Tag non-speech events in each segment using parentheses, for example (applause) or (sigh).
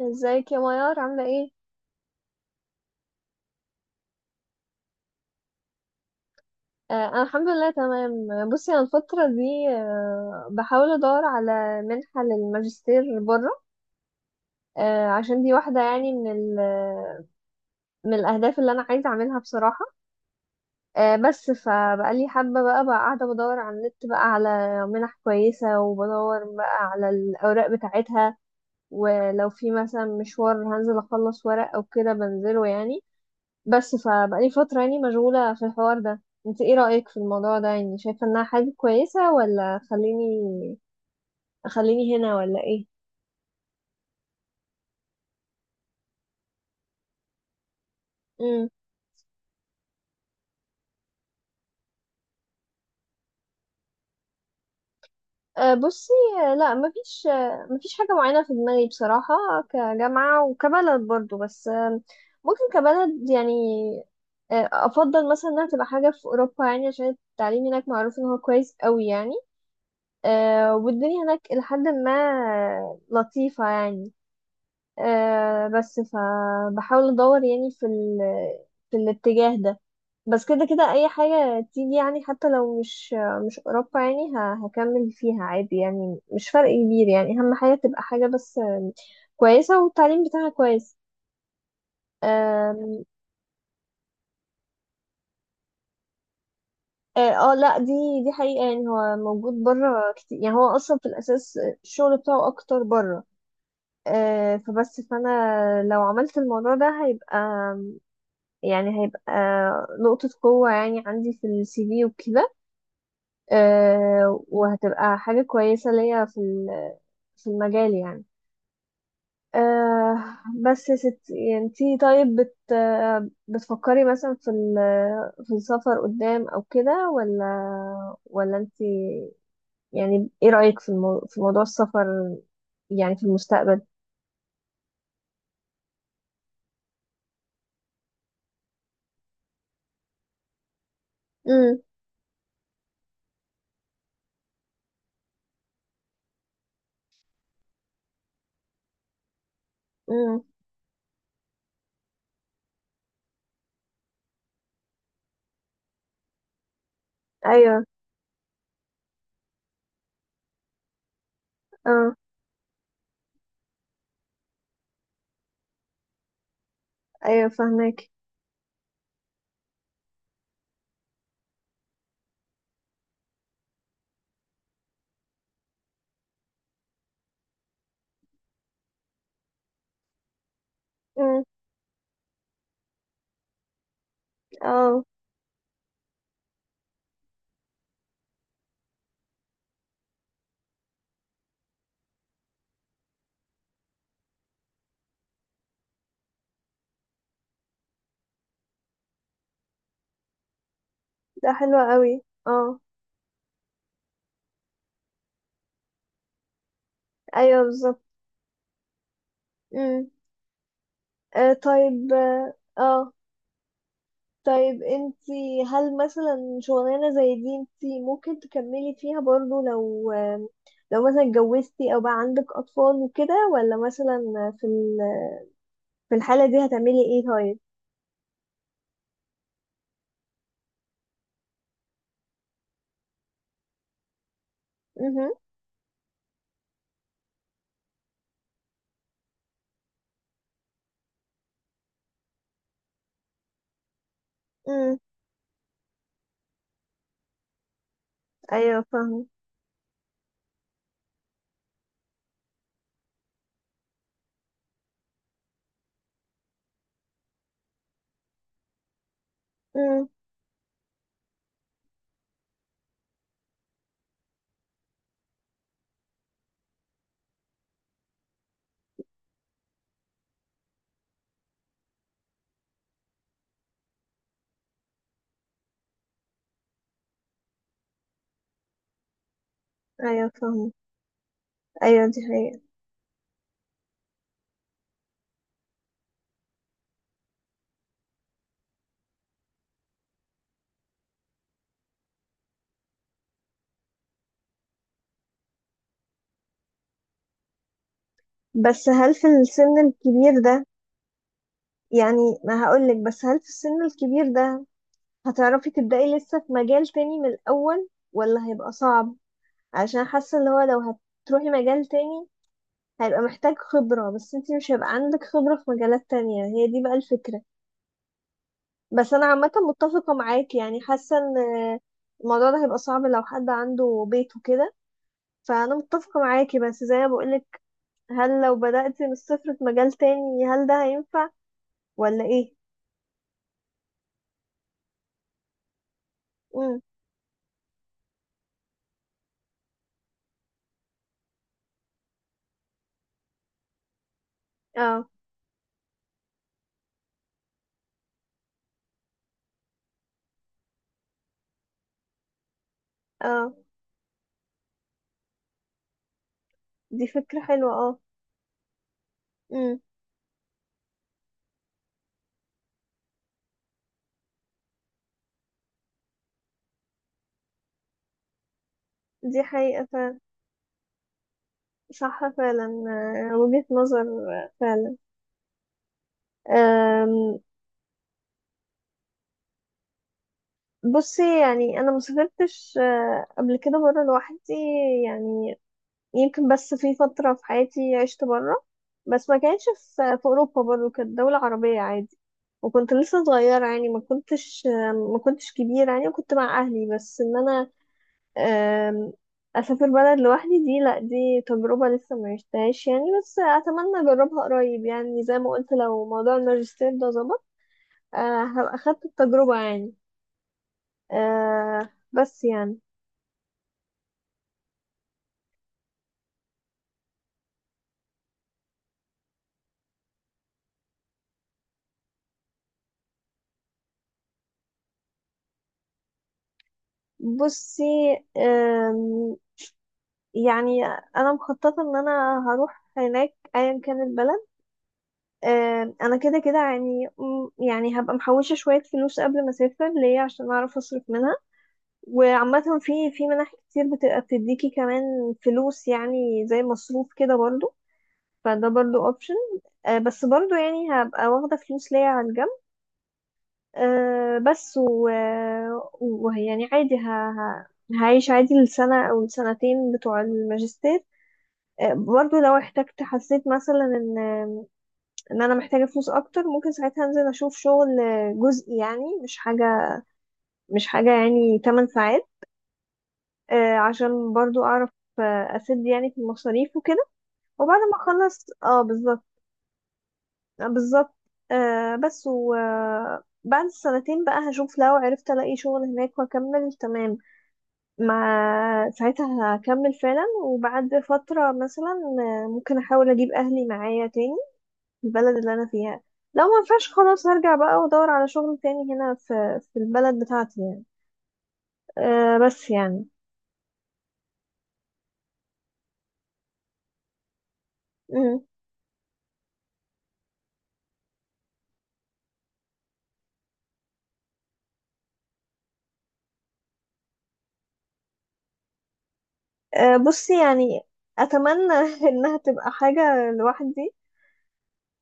ازيك يا ميار، عاملة ايه؟ انا الحمد لله تمام. بصي، انا الفترة دي بحاول ادور على منحة للماجستير بره. عشان دي واحدة، يعني، من الاهداف اللي انا عايزة اعملها بصراحة. بس فبقالي حابة، بقى قاعدة بدور على النت بقى، على منح كويسة، وبدور بقى على الاوراق بتاعتها. ولو في مثلا مشوار هنزل اخلص ورق او كده بنزله يعني. بس فبقالي فترة يعني مشغولة في الحوار ده. انت ايه رأيك في الموضوع ده؟ يعني شايفة انها حاجة كويسة، ولا خليني هنا، ولا ايه؟ امم. بصي، لا، مفيش، مفيش حاجة معينة في دماغي بصراحة، كجامعة وكبلد برضو، بس ممكن كبلد يعني. افضل مثلا انها تبقى حاجة في اوروبا، يعني عشان التعليم هناك معروف ان هو كويس قوي يعني. والدنيا هناك لحد ما لطيفة يعني. بس فبحاول ادور يعني في الاتجاه ده. بس كده كده اي حاجة تيجي، يعني حتى لو مش اوروبا يعني، هكمل فيها عادي يعني، مش فرق كبير يعني. اهم حاجة تبقى حاجة بس كويسة، والتعليم بتاعها كويس. آم. اه. لا، دي حقيقة، يعني هو موجود بره كتير، يعني هو اصلا في الاساس الشغل بتاعه اكتر بره. فبس، فانا لو عملت الموضوع ده هيبقى، يعني هيبقى نقطة قوة يعني عندي في السي في وكده. وهتبقى حاجة كويسة ليا في المجال يعني. آه. بس يا ستي، يعني انتي طيب، بت آه، بتفكري مثلا في السفر قدام او كده، ولا انتي، يعني ايه رأيك في موضوع السفر، يعني في المستقبل؟ امم. امم. ايوه. اه. ايوه فهمك. امم. اه. ده حلو قوي، اه. ايوه بالظبط. امم. طيب، اه، طيب انتي هل مثلا شغلانة زي دي انتي ممكن تكملي فيها برضو لو لو مثلا اتجوزتي او بقى عندك اطفال وكده، ولا مثلا في ال- في الحالة دي هتعملي ايه طيب؟ امم. امم. ايوه فاهمة. امم. ايوه فاهمة. ايوه دي حقيقة. بس هل في السن الكبير ده، يعني ما هقولك، بس هل في السن الكبير ده هتعرفي تبدأي لسه في مجال تاني من الاول، ولا هيبقى صعب؟ عشان حاسة اللي هو لو هتروحي مجال تاني هيبقى محتاج خبرة، بس انتي مش هيبقى عندك خبرة في مجالات تانية. هي دي بقى الفكرة. بس انا عامة متفقة معاكي، يعني حاسة ان الموضوع ده هيبقى صعب لو حد عنده بيت وكده. فانا متفقة معاكي، بس زي ما بقولك، هل لو بدأتي من الصفر في مجال تاني هل ده هينفع، ولا ايه؟ امم. اه. اه. دي فكرة حلوة، اه. امم. دي حقيقة فعلا. صح فعلا. وجهة نظر. آه، فعلا. بصي، يعني انا ما سافرتش قبل كده بره لوحدي يعني. يمكن بس في فتره في حياتي عشت بره، بس ما كانتش في اوروبا، برضه كانت دوله عربيه عادي. وكنت لسه صغيره يعني، ما كنتش، ما كنتش كبيره يعني، وكنت مع اهلي. بس ان انا آم، اسافر بلد لوحدي، دي لا، دي تجربه لسه ما عشتهاش يعني، بس اتمنى اجربها قريب. يعني زي ما قلت، لو موضوع الماجستير ده ظبط هبقى اخدت التجربه يعني. بس يعني بصي، أم، يعني انا مخططه ان انا هروح هناك ايا كان البلد. انا كده كده يعني، يعني هبقى محوشه شويه فلوس قبل ما اسافر ليه عشان اعرف اصرف منها. وعامه في منح كتير بتبقى بتديكي كمان فلوس، يعني زي مصروف كده برضو، فده برضو اوبشن. بس برضو يعني هبقى واخده فلوس ليا على الجنب. بس ويعني عادي هعيش عادي السنة أو السنتين بتوع الماجستير. أه برضو لو احتجت، حسيت مثلا إن أنا محتاجة فلوس أكتر، ممكن ساعتها أنزل أشوف شغل جزئي، يعني مش حاجة، يعني 8 ساعات. أه عشان برضو أعرف أسد يعني في المصاريف وكده. وبعد ما أخلص، اه بالظبط. بالظبط. بس و بعد السنتين بقى هشوف، لو عرفت ألاقي شغل هناك وأكمل تمام، ما ساعتها هكمل فعلا. وبعد فترة مثلا ممكن أحاول أجيب أهلي معايا تاني البلد اللي أنا فيها. لو ما ينفعش، خلاص هرجع بقى وأدور على شغل تاني هنا في البلد بتاعتي يعني. بس يعني. مم. بصي يعني، أتمنى (laughs) إنها تبقى حاجة لوحدي.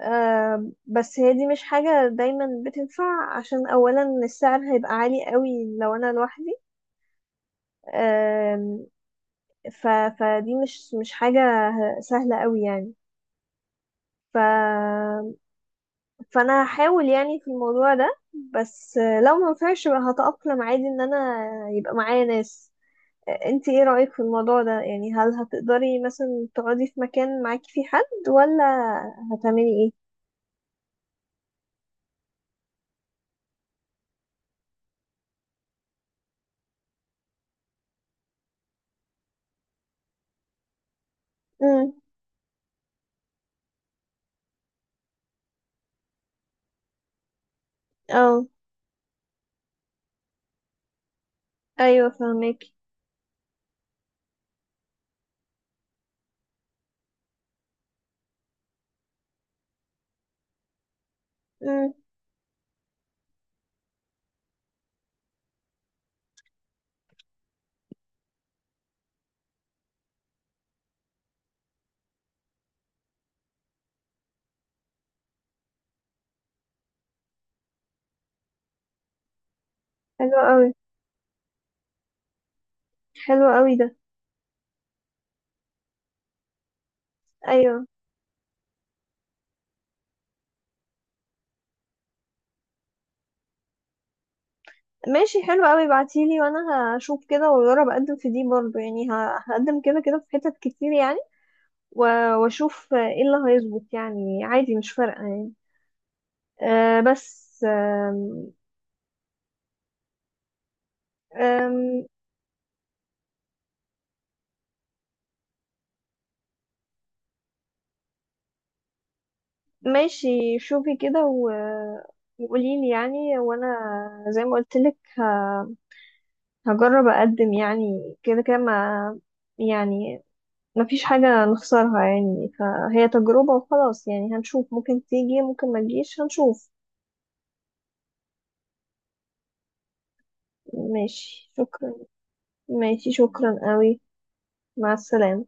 أه بس هي دي مش حاجة دايما بتنفع، عشان أولا السعر هيبقى عالي قوي لو أنا لوحدي. ف... فدي مش حاجة سهلة قوي يعني. ف... فانا هحاول يعني في الموضوع ده، بس لو ما ينفعش يبقى هتأقلم عادي ان انا يبقى معايا ناس. انت ايه رأيك في الموضوع ده؟ يعني هل هتقدري مثلا تقعدي في مكان معاكي فيه حد، ولا هتعملي ايه؟ امم. اه. ايوه فهمك. امم. حلو قوي، حلو قوي ده. ايوه. ماشي حلو قوي، ابعتيلي وانا هشوف كده واجرب اقدم في دي برضه يعني، هقدم كده كده في حتت كتير يعني، واشوف ايه اللي هيظبط يعني. عادي مش فارقة يعني. آه بس آم آم. ماشي، شوفي كده وقوليلي يعني. وانا زي ما قلت لك هجرب اقدم يعني كده كده، ما يعني ما فيش حاجة نخسرها يعني، فهي تجربة وخلاص. يعني هنشوف، ممكن تيجي، ممكن ما تجيش، هنشوف. ماشي، شكرا. ماشي، شكرا قوي. مع السلامة.